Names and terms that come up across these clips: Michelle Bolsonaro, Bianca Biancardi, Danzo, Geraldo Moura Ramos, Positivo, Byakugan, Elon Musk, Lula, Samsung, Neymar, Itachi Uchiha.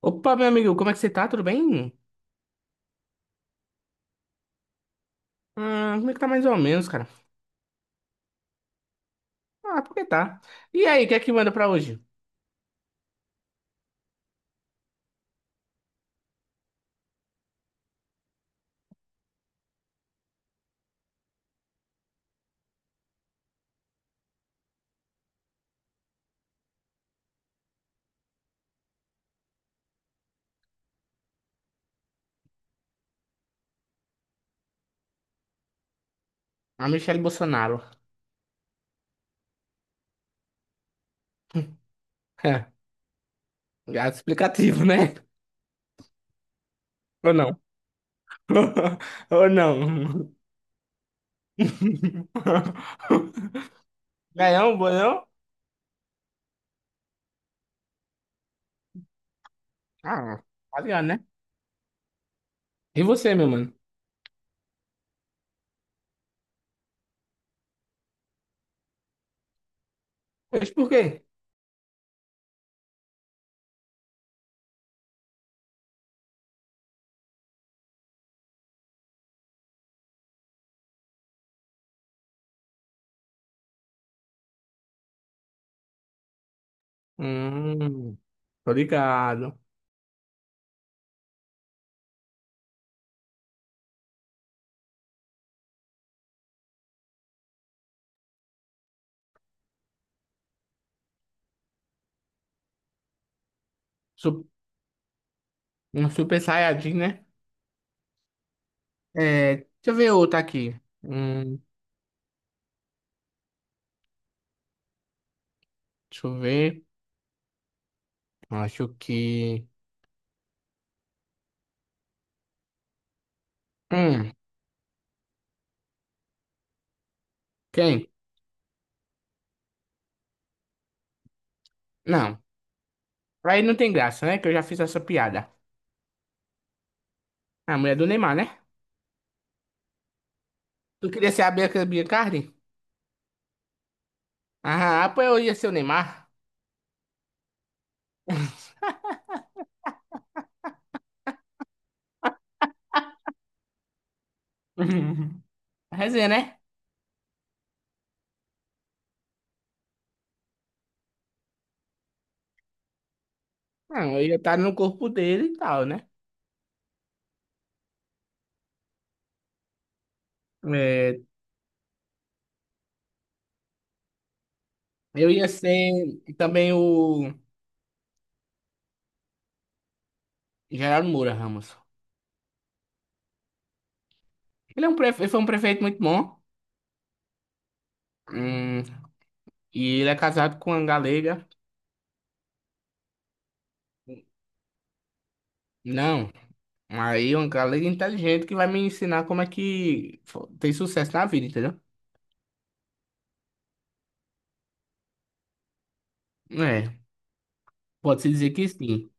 Opa, meu amigo, como é que você tá? Tudo bem? Como é que tá mais ou menos, cara? Ah, porque tá. E aí, o que é que manda pra hoje? A Michelle Bolsonaro. É, gato explicativo, né? Ou não? Ou não? Ganhou, ganhou? Ah, tá ligado, né? E você, meu mano? Mas por quê? Hum, tô ligado. Su- Um super saiyajin, né? É, deixa eu ver outro aqui. Deixa eu ver. Acho que. hum, Quem? Não. Aí não tem graça, né? Que eu já fiz essa piada. A mulher do Neymar, né? Tu queria ser a Bianca Biancardi? Ah, pô, eu ia ser o Neymar. Resenha, né? Não, eu ia estar no corpo dele e tal, né? É, eu ia ser também o Geraldo Moura Ramos. Ele, é um prefe... ele foi um prefeito muito bom. Hum, e ele é casado com uma galega. Não, aí uma galega inteligente que vai me ensinar como é que tem sucesso na vida, entendeu? É, pode-se dizer que sim.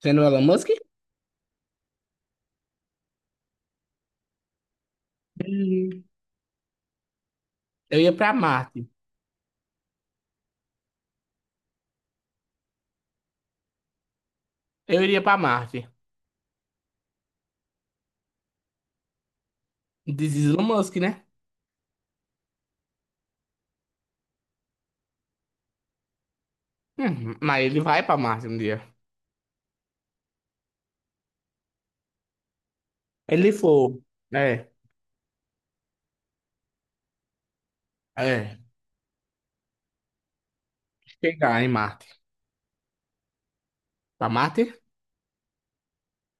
Sendo Elon Musk? Uhum. Eu ia pra Marte. Eu iria pra Marte. Diz Elon Musk, né? Mas ele vai pra Marte um dia. Ele for. É, é. Chegar em Marte. Pra Marte?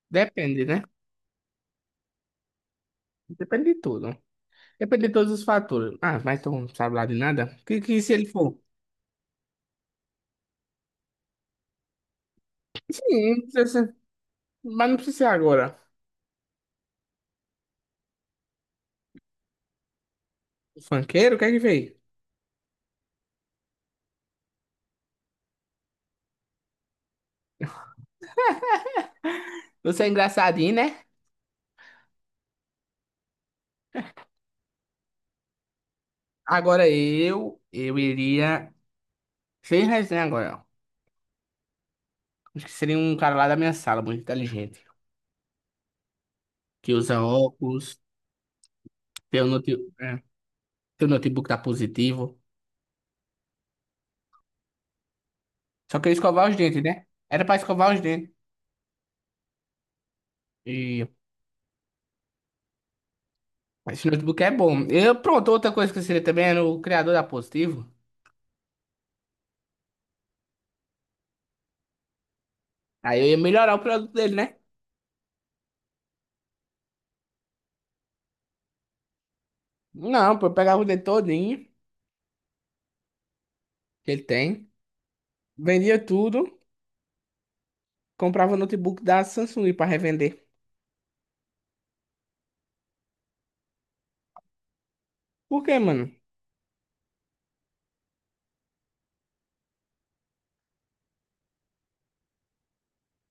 Depende, né? Depende de tudo. Depende de todos os fatores. Ah, mas tu não sabe lá de nada? Que se ele for? Sim, mas não precisa ser agora. O funkeiro, o que é que veio? Você é engraçadinho, né? Agora eu iria... Sem resenha agora, acho que seria um cara lá da minha sala, muito inteligente. Que usa óculos, teu, note... é, teu notebook tá positivo. Só que eu ia escovar os dentes, né? Era pra escovar os dentes. E esse notebook é bom. Eu, pronto, outra coisa que eu seria também era o criador da Positivo. Aí eu ia melhorar o produto dele, né? Não, pô, eu pegava o dente todinho que ele tem, vendia tudo, comprava o notebook da Samsung pra revender. Por quê, mano?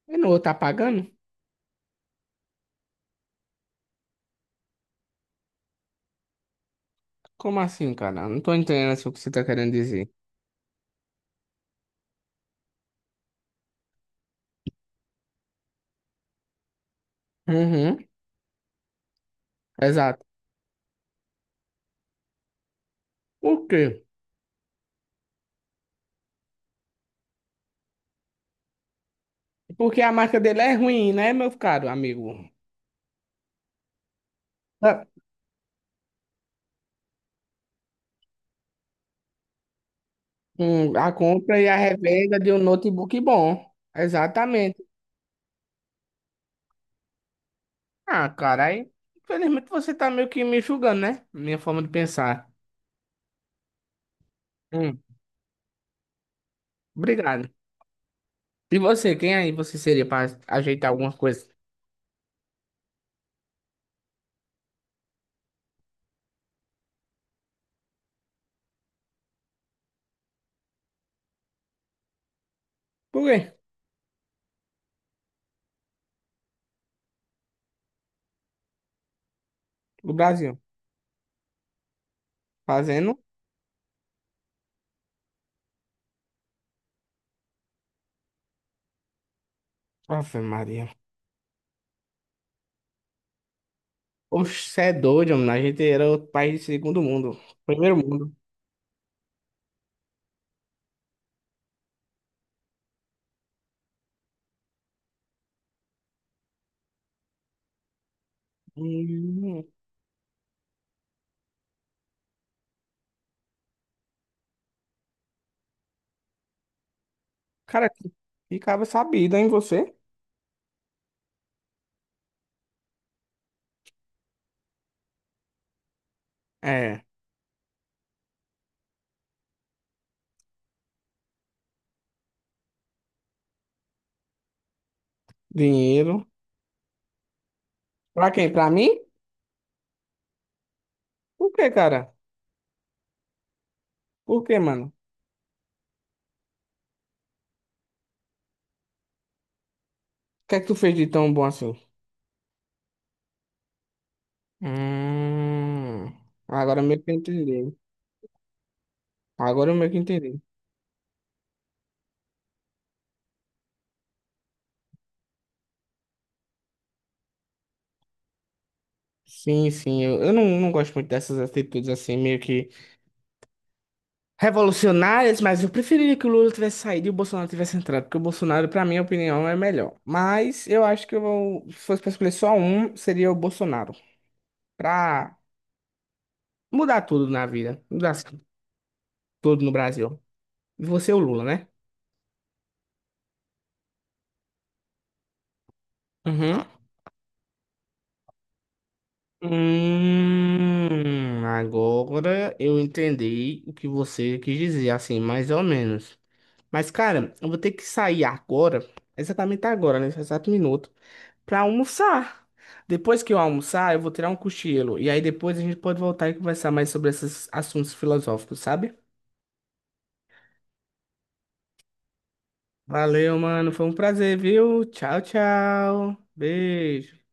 Eu não vou tá pagando? Como assim, cara? Não tô entendendo assim, o que você tá querendo dizer. Uhum, exato. Por quê? Porque a marca dele é ruim, né, meu caro amigo? Ah, A compra e a revenda de um notebook bom. Exatamente. Ah, cara, aí, infelizmente você tá meio que me julgando, né? Minha forma de pensar. Hum, Obrigado. E você, quem aí você seria para ajeitar alguma coisa? Por quê? O Brasil. Fazendo? Ave Maria. Oxe, cê é doido, mano. A gente era outro país de segundo mundo. Primeiro mundo. Hum, cara, que cara sabido, hein, você? É. Dinheiro. Pra quem? Pra mim? Por que, cara? Por que, mano? O que é que tu fez de tão bom assim? Hum, agora eu meio que entendi. Agora eu meio que entendi. Sim, sim, eu não gosto muito dessas atitudes assim, meio que revolucionárias, mas eu preferiria que o Lula tivesse saído e o Bolsonaro tivesse entrado, porque o Bolsonaro, pra minha opinião, é melhor. Mas eu acho que se fosse pra escolher só um, seria o Bolsonaro, pra mudar tudo na vida, mudar tudo no Brasil. E você, é o Lula, né? Uhum. Agora eu entendi o que você quis dizer, assim, mais ou menos. Mas, cara, eu vou ter que sair agora, exatamente agora, nesse exato minuto, pra almoçar. Depois que eu almoçar, eu vou tirar um cochilo. E aí depois a gente pode voltar e conversar mais sobre esses assuntos filosóficos, sabe? Valeu, mano. Foi um prazer, viu? Tchau, tchau. Beijo.